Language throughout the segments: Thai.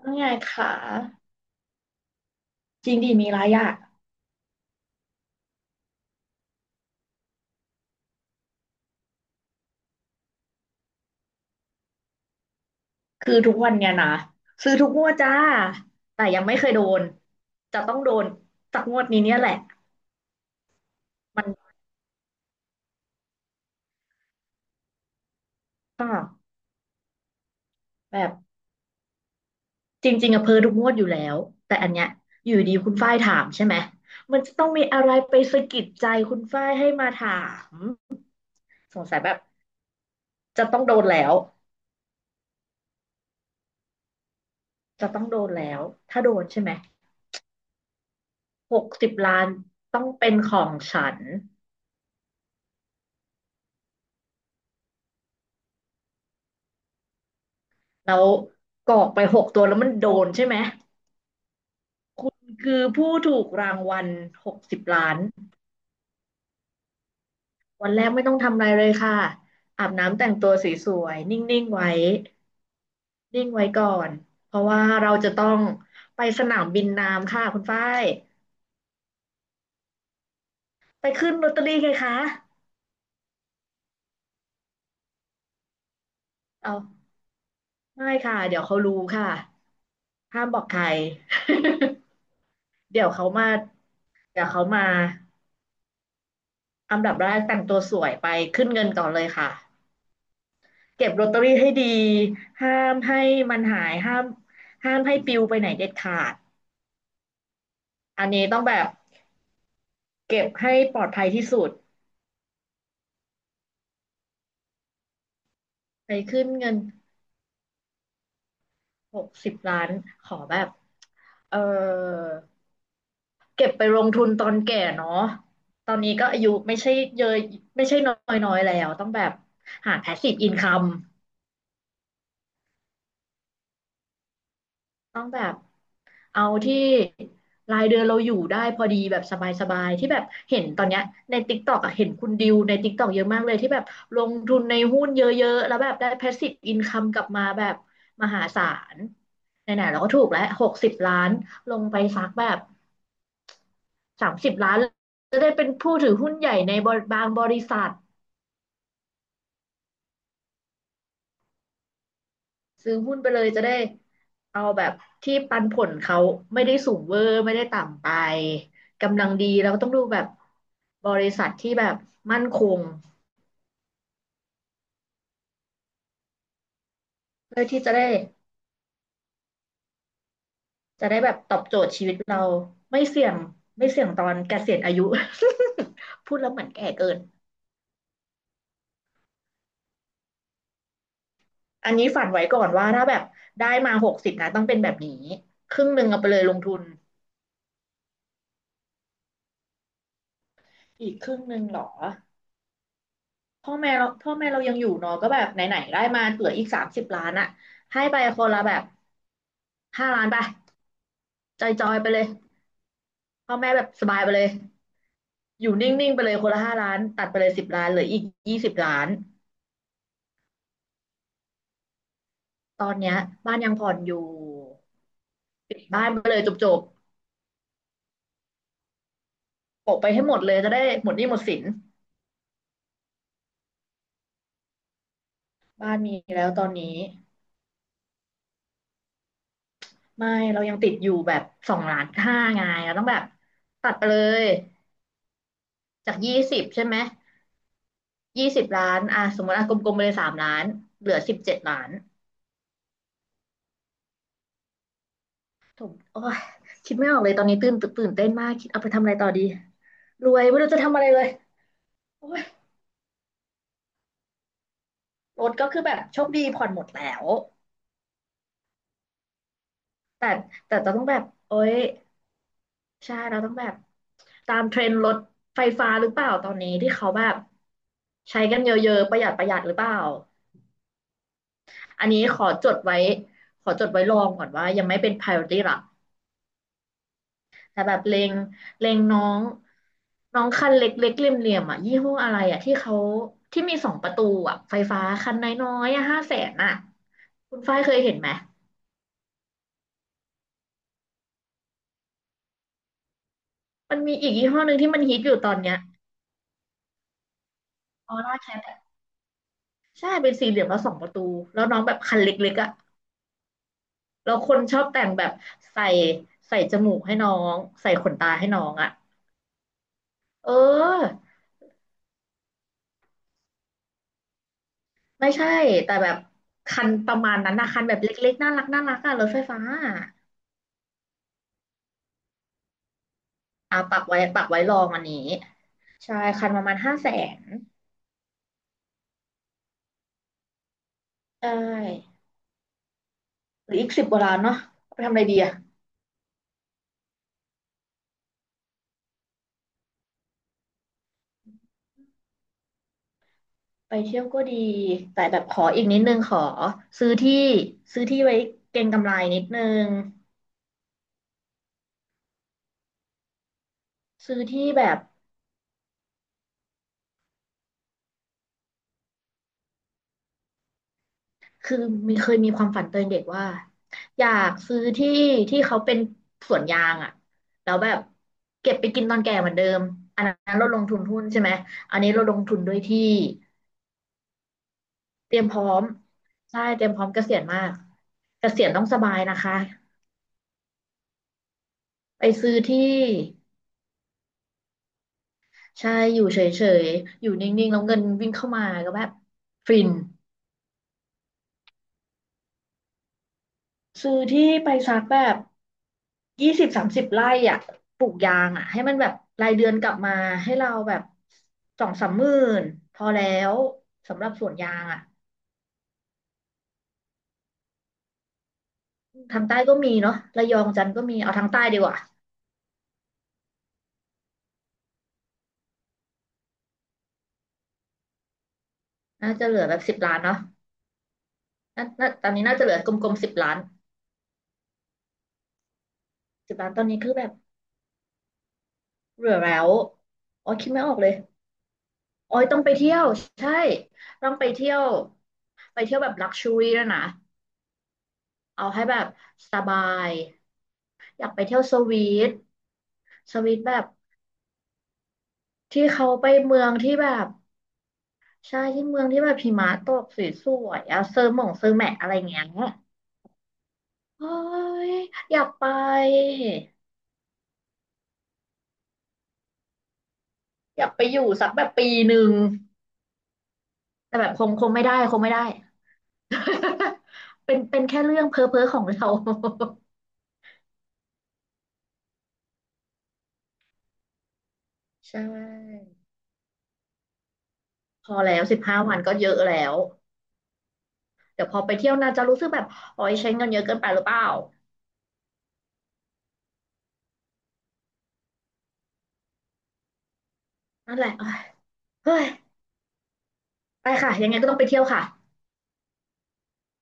ว่าไงคะจริงดีมีไระยะคือทุกวันเนี่ยนะซื้อทุกงวดจ้าแต่ยังไม่เคยโดนจะต้องโดนสักงวดนี้เนี่ยแหละมันก็แบบจริงๆอะเพอทุกงวดอยู่แล้วแต่อันเนี้ยอยู่ดีคุณฝ้ายถามใช่ไหมมันจะต้องมีอะไรไปสะกิดใจคุณฝ้ายให้มาถามสงสัยแบบจะต้องโดนแล้วจะต้องโดนแล้วถ้าโดนใช่ไหมหกสิบล้านต้องเป็นของฉันแล้วกรอกไป6 ตัวแล้วมันโดนใช่ไหม คือผู้ถูกรางวัล60 ล้าน วันแรกไม่ต้องทำอะไรเลยค่ะ อาบน้ำแต่งตัวสวยๆนิ่งๆไว้นิ่งไว้ก่อน เพราะว่าเราจะต้องไปสนามบินน้ำค่ะคุณฝ้ายไปขึ้นลอตเตอรี่ไงคะเอาไม่ค่ะ เดี๋ยวเขารู้ค่ะ ห้ามบอกใคร เดี๋ยวเขามาเดี๋ยวเขามาอันดับแรกแต่งตัวสวยไปขึ้นเงินก่อนเลยค่ะ เก็บลอตเตอรี่ให้ดี ห้ามให้มันหาย ห้ามห้ามให้ปลิวไปไหนเด็ดขาด อันนี้ต้องแบบเก็บให้ปลอดภัยที่สุด ไปขึ้นเงิน60 ล้านขอแบบเออเก็บไปลงทุนตอนแก่เนาะตอนนี้ก็อายุไม่ใช่เยอะไม่ใช่น้อยๆแล้วต้องแบบหา passive income ต้องแบบ เอาที่รายเดือนเราอยู่ได้พอดีแบบสบายๆที่แบบเห็นตอนเนี้ยใน TikTok อะเห็นคุณดิวใน TikTok เยอะมากเลยที่แบบลงทุนในหุ้นเยอะๆแล้วแบบได้ passive income กลับมาแบบมหาศาลไหนๆเราก็ถูกแล้วหกสิบล้านลงไปซักแบบสามสิบล้านจะได้เป็นผู้ถือหุ้นใหญ่ในบางบริษัท ซื้อหุ้นไปเลยจะได้เอาแบบที่ปันผลเขาไม่ได้สูงเวอร์ไม่ได้ต่ำไปกำลังดีแล้วก็ต้องดูแบบบริษัทที่แบบมั่นคงเพื่อที่จะได้แบบตอบโจทย์ชีวิตเราไม่เสี่ยงไม่เสี่ยงตอนเกษียณอายุ พูดแล้วเหมือนแก่เกินอันนี้ฝันไว้ก่อนว่าถ้าแบบได้มาหกสิบนะต้องเป็นแบบนี้ครึ่งหนึ่งเอาไปเลยลงทุนอีกครึ่งหนึ่งเหรอ พ่อแม่เราพ่อแม่เรายังอยู่เนาะก็แบบไหนๆได้มาเหลืออีกสามสิบล้านอะให้ไปคนละแบบห้าล้านไปจอยๆไปเลยพ่อแม่แบบสบายไปเลยอยู่นิ่งๆไปเลยคนละห้าล้านตัดไปเลยสิบล้านเหลืออีกยี่สิบล้านตอนเนี้ยบ้านยังผ่อนอยู่ปิดบ้านไปเลยจบๆโปะไปให้หมดเลยจะได้หมดหนี้หมดสินบ้านมีแล้วตอนนี้ไม่เรายังติดอยู่แบบ2.5 ล้านไงเราต้องแบบตัดไปเลยจากยี่สิบใช่ไหม ยี่สิบล้านอ่ะสมมติอ่ะกลมๆไปเลย3 ล้าน เหลือ17 ล้านถูกโอ้ยคิดไม่ออกเลยตอนนี้ตื่นตื่นเต้นมาก คิดเอาไปทำอะไรต่อดี รวยไม่รู้จะทำอะไรเลยโอ้ยรถก็คือแบบโชคดีผ่อนหมดแล้วแต่แต่เราต้องแบบโอ้ยใช่เราต้องแบบตามเทรนด์รถไฟฟ้าหรือเปล่าตอนนี้ที่เขาแบบใช้กันเยอะๆประหยัดประหยัดหรือเปล่า อันนี้ขอจดไว้ขอจดไว้ลองก่อนว่ายังไม่เป็น priority หลัก แต่แบบเลงเลงน้องน้องคันเล็กเล็กเหลี่ยมเหลี่ยมอ่ะยี่ห้ออะไรอ่ะที่เขาที่มีสองประตูอ่ะไฟฟ้าคันน้อยๆอ่ะห้าแสนอ่ะคุณฝ้ายเคยเห็นไหมมันมีอีกยี่ห้อหนึ่งที่มันฮิตอยู่ตอนเนี้ยออร่าแคทใช่เป็นสี่เหลี่ยมแล้วสองประตูแล้วน้องแบบคันเล็กๆอ่ะแล้วคนชอบแต่งแบบใส่ใส่จมูกให้น้องใส่ขนตาให้น้องอ่ะเออไม่ใช่แต่แบบคันประมาณนั้นนะคันแบบเล็กๆน่ารักน่ารักอ่ะรถไฟฟ้าอะ เอาปักไว้ปักไว้รองอันนี้ใช่คันประมาณห้าแสนใช่หรืออีกสิบกว่าล้านเนาะไปทำอะไรดีอะไปเที่ยวก็ดีแต่แบบขออีกนิดนึงขอซื้อที่ซื้อที่ไว้เก็งกำไรนิดนึงซื้อที่แบบคือมีเคยมีความฝันตอนเด็กว่าอยากซื้อที่ที่เขาเป็นสวนยางอะแล้วแบบเก็บไปกินตอนแก่เหมือนเดิมอันนั้นเราลงทุนหุ้นใช่ไหมอันนี้เราลงทุนด้วยที่ เตรียมพร้อมใช่เตรียมพร้อมเกษียณมากเกษียณต้องสบายนะคะไปซื้อที่ใช่อยู่เฉยๆอยู่นิ่งๆแล้วเงินวิ่งเข้ามาก็แบบฟินซื้อที่ไปสักแบบ20-30 ไร่อ่ะปลูกยางอ่ะให้มันแบบรายเดือนกลับมาให้เราแบบ20,000-30,000พอแล้วสำหรับสวนยางอ่ะทางใต้ก็มีเนาะระยองจันทร์ก็มีเอาทางใต้ดีกว่าน่าจะเหลือแบบสิบล้านเนาะน่าตอนนี้น่าจะเหลือกลมๆสิบล้าน สิบล้านตอนนี้คือแบบเหลือแล้วอ๋อคิดไม่ออกเลยอ๋อต้องไปเที่ยวใช่ต้องไปเที่ยวไปเที่ยวแบบลักชัวรี่ด้วยนะเอาให้แบบสบายอยากไปเที่ยวสวีทสวีทแบบที่เขาไปเมืองที่แบบใช่ที่เมืองที่แบบหิมะตกสวยๆอะเซอร์หม่งเซอร์แหมะอะไรเงี้ยโอ้ยอยากไปอยากไปอยู่สักแบบปีหนึ่งแต่แบบคงไม่ได้คงไม่ได้ เป็นแค่เรื่องเพ้อเพ้อของเราใช่พอแล้ว15 วันก็เยอะแล้วเดี๋ยวพอไปเที่ยวนาจะรู้สึกแบบโอ้ยใช้เงินเยอะเกินไปหรือเปล่านั่นแหละเอ้ยเฮ้ยไปค่ะยังไงก็ต้องไปเที่ยวค่ะ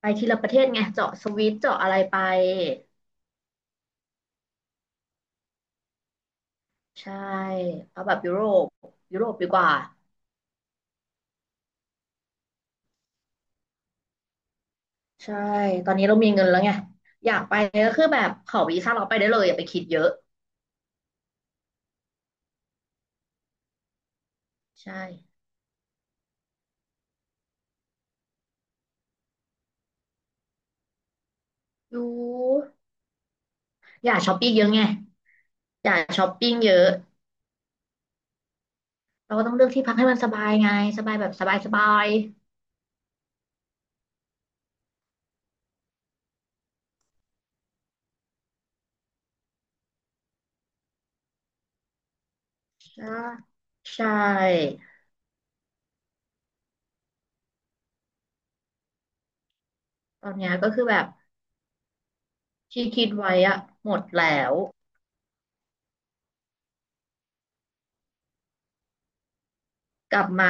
ไปทีละประเทศไงเจาะสวิตเจาะอะไรไปใช่เอาแบบยุโรปยุโรปดีกว่าใช่ตอนนี้เรามีเงินแล้วไงอยากไปก็คือแบบขอวีซ่าเราไปได้เลยอย่าไปคิดเยอะใช่อยู่อย่าช้อปปิ้งเยอะไงอย่าช้อปปิ้งเยอะ เราก็ต้องเลือกที่พักให้มันสบายไงสบายแบบสบายสบาย ใช่ใช่ตอนเนี้ยก็คือแบบที่คิดไว้อะหมดแล้วกลับมา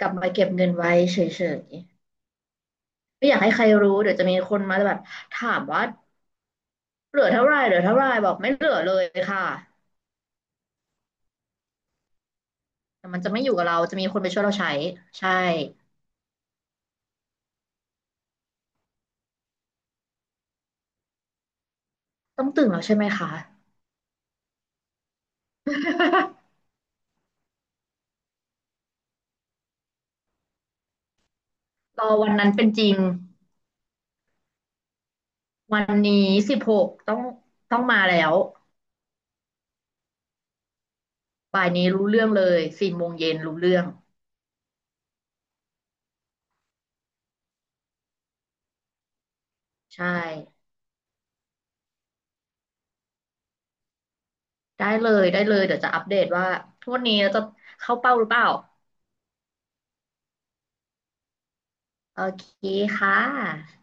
กลับมาเก็บเงินไว้เฉยๆไม่อยากให้ใครรู้เดี๋ยวจะมีคนมาแบบถามว่าเหลือเท่าไหร่เหลือเท่าไหร่บอกไม่เหลือเลยค่ะแต่มันจะไม่อยู่กับเราจะมีคนไปช่วยเราใช้ใช่ต้องตื่นแล้วใช่ไหมคะ รอวันนั้นเป็นจริงวันนี้16ต้องมาแล้ว บ่ายนี้รู้เรื่องเลย4 โมงเย็นรู้เรื่องใช่ได้เลยได้เลยเดี๋ยวจะอัปเดตว่าทกวดนนี้จะเข้าเป้าหรือเปล่าโอเคค่ะ